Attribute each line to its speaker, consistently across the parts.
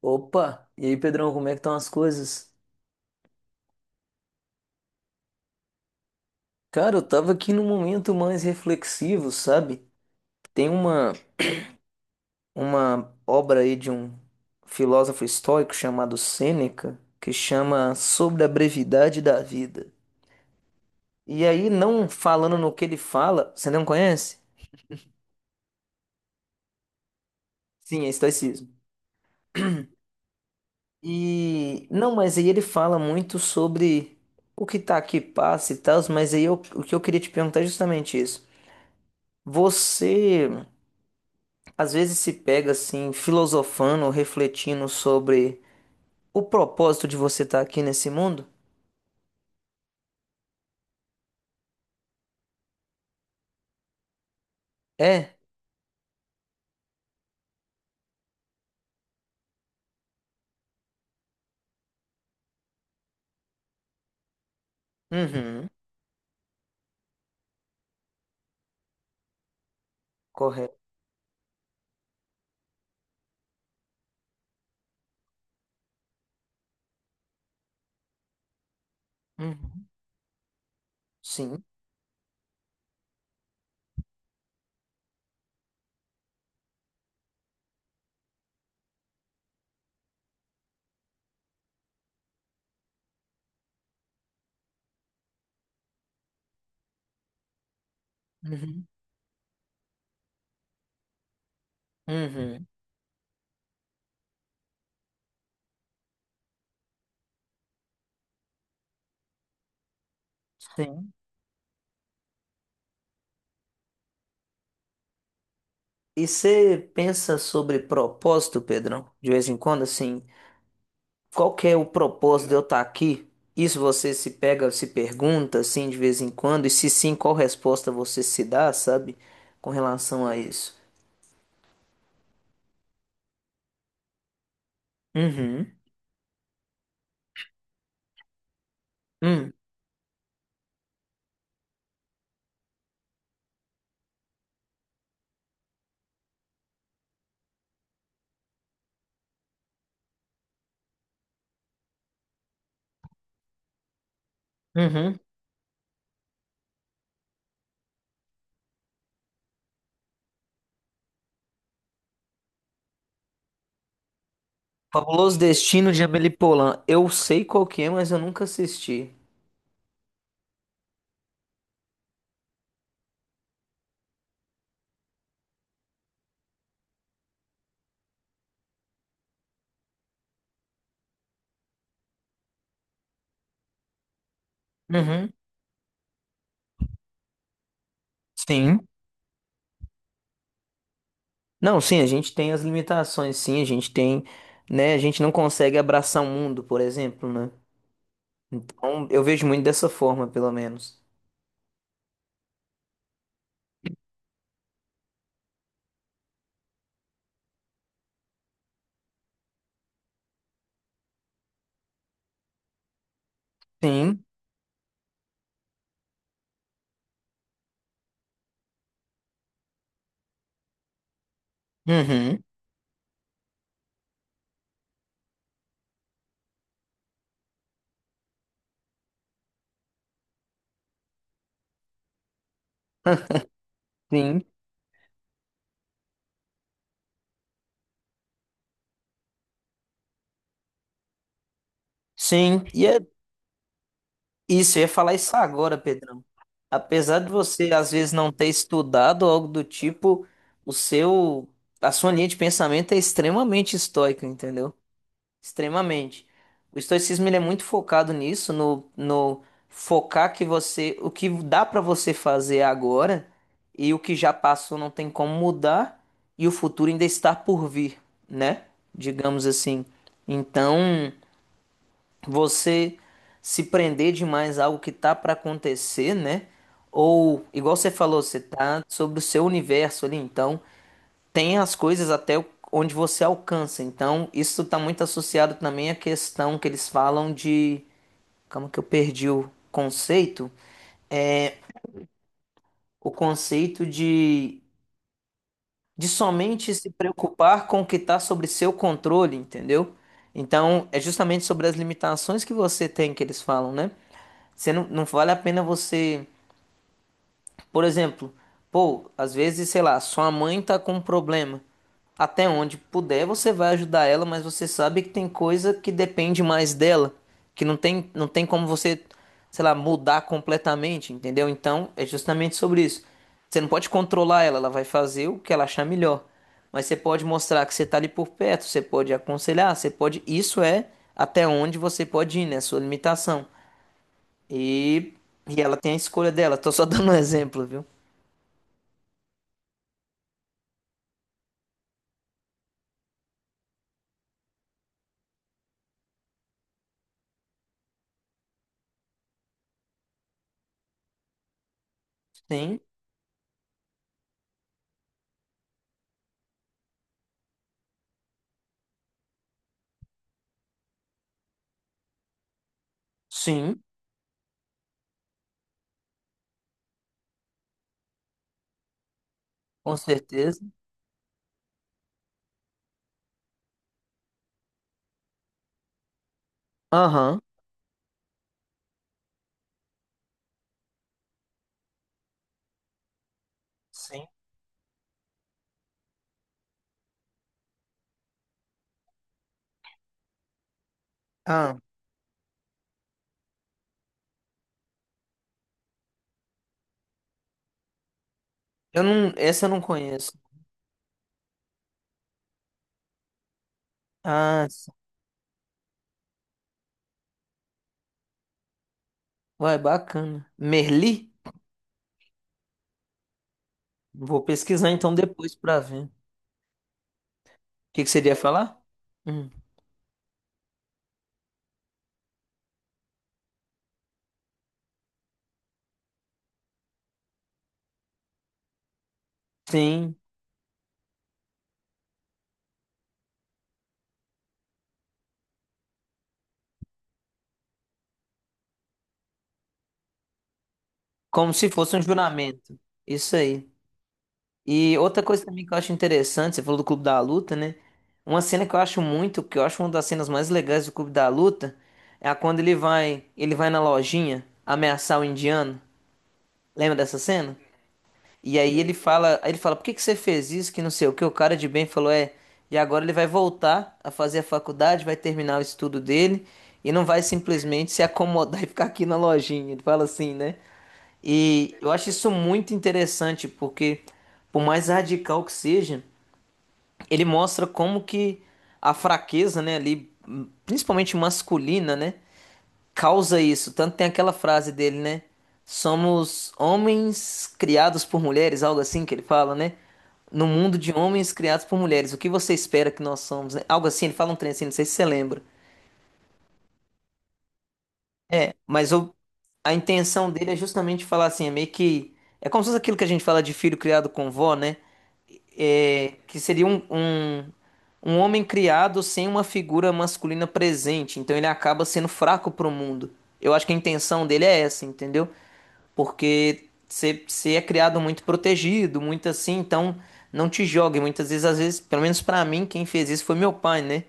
Speaker 1: Opa, e aí, Pedrão, como é que estão as coisas? Cara, eu tava aqui num momento mais reflexivo, sabe? Tem uma obra aí de um filósofo estoico chamado Sêneca, que chama Sobre a Brevidade da Vida. E aí, não falando no que ele fala, você não conhece? Sim, é estoicismo. E não, mas aí ele fala muito sobre o que tá aqui passa e tal, mas aí o que eu queria te perguntar é justamente isso. Você Às vezes se pega assim, filosofando, refletindo sobre o propósito de você estar aqui nesse mundo? É? Uhum. Correto. Uhum. Sim. Uhum. Uhum. Sim. E você pensa sobre propósito, Pedrão? De vez em quando, assim, qual que é o propósito de eu estar aqui? Isso você se pega, se pergunta, assim, de vez em quando, e se sim, qual resposta você se dá, sabe? Com relação a isso. Uhum. Uhum. Uhum. Fabuloso Destino de Amélie Poulain. Eu sei qual que é, mas eu nunca assisti. Uhum. Sim. Não, sim, a gente tem as limitações, sim, a gente tem, né? A gente não consegue abraçar o mundo, por exemplo, né? Então, eu vejo muito dessa forma, pelo menos. Sim. Uhum. Sim. Sim. E é isso, eu ia falar isso agora, Pedrão. Apesar de você, às vezes, não ter estudado algo do tipo, o seu, a sua linha de pensamento é extremamente estoica, entendeu? Extremamente. O estoicismo ele é muito focado nisso, no focar o que dá pra você fazer agora e o que já passou não tem como mudar e o futuro ainda está por vir, né? Digamos assim. Então, você se prender demais a algo que tá pra acontecer, né? Ou, igual você falou, você tá sobre o seu universo ali, então tem as coisas até onde você alcança. Então, isso está muito associado também à questão que eles falam de. Calma que eu perdi o conceito. É o conceito de somente se preocupar com o que está sobre seu controle, entendeu? Então, é justamente sobre as limitações que você tem que eles falam, né? Você não, não vale a pena você. Por exemplo, pô, às vezes, sei lá, sua mãe tá com um problema. Até onde puder, você vai ajudar ela, mas você sabe que tem coisa que depende mais dela, que não tem como você, sei lá, mudar completamente, entendeu? Então, é justamente sobre isso. Você não pode controlar ela, ela vai fazer o que ela achar melhor. Mas você pode mostrar que você tá ali por perto, você pode aconselhar, você pode. Isso é até onde você pode ir, né? Sua limitação. E, e ela tem a escolha dela. Tô só dando um exemplo, viu? Sim, sim, com certeza. Aham, sim. Ah, eu não, essa eu não conheço. Ah, sim. Ué, bacana. Merli? Vou pesquisar então depois pra ver. O que que você iria falar? Hum. Sim, como se fosse um juramento. Isso aí. E outra coisa também que eu acho interessante, você falou do Clube da Luta, né? Uma cena que eu acho uma das cenas mais legais do Clube da Luta, é a quando ele vai, na lojinha ameaçar o indiano. Lembra dessa cena? E aí ele fala, por que que você fez isso? Que não sei o que. O cara de bem falou, e agora ele vai voltar a fazer a faculdade, vai terminar o estudo dele e não vai simplesmente se acomodar e ficar aqui na lojinha. Ele fala assim, né? E eu acho isso muito interessante, porque por mais radical que seja, ele mostra como que a fraqueza, né, ali, principalmente masculina, né, causa isso. Tanto tem aquela frase dele, né? Somos homens criados por mulheres, algo assim que ele fala, né? No mundo de homens criados por mulheres, o que você espera que nós somos, né? Algo assim, ele fala um trem assim, não sei se você lembra. É, mas o a intenção dele é justamente falar assim, é meio que. É como se fosse aquilo que a gente fala de filho criado com vó, né? Que seria um homem criado sem uma figura masculina presente. Então ele acaba sendo fraco pro mundo. Eu acho que a intenção dele é essa, entendeu? Porque você é criado muito protegido, muito assim, então não te jogue. Muitas vezes, às vezes, pelo menos pra mim, quem fez isso foi meu pai, né?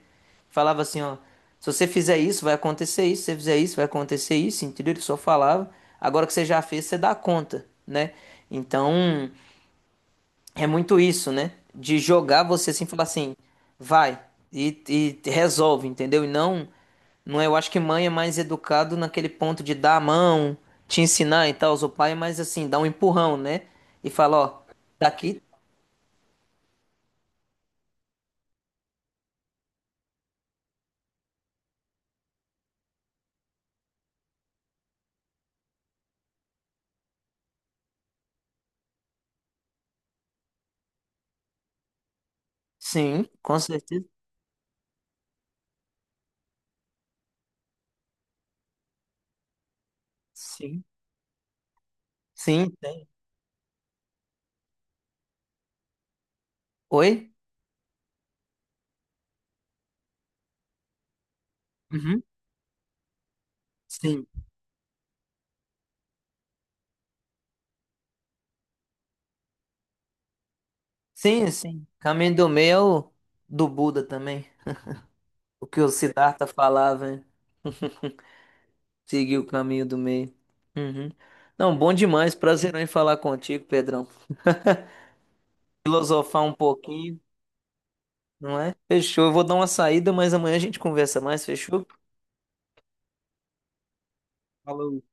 Speaker 1: Falava assim, ó, se você fizer isso, vai acontecer isso, se você fizer isso, vai acontecer isso, entendeu? Ele só falava, agora que você já fez, você dá conta, né? Então, é muito isso, né? De jogar você assim, falar assim, vai e resolve, entendeu? E não, não é, eu acho que mãe é mais educado naquele ponto de dar a mão, te ensinar e tal, o pai é mais assim, dá um empurrão, né? E fala, ó, daqui, sim, com certeza, sim, sim, tem. Oi? Uhum. Sim, sim, sim. Caminho do meio é o do Buda também, o que o Siddhartha falava, hein? Seguir o caminho do meio. Uhum. Não, bom demais. Prazer em falar contigo, Pedrão. Filosofar um pouquinho, não é? Fechou. Eu vou dar uma saída, mas amanhã a gente conversa mais, fechou? Falou.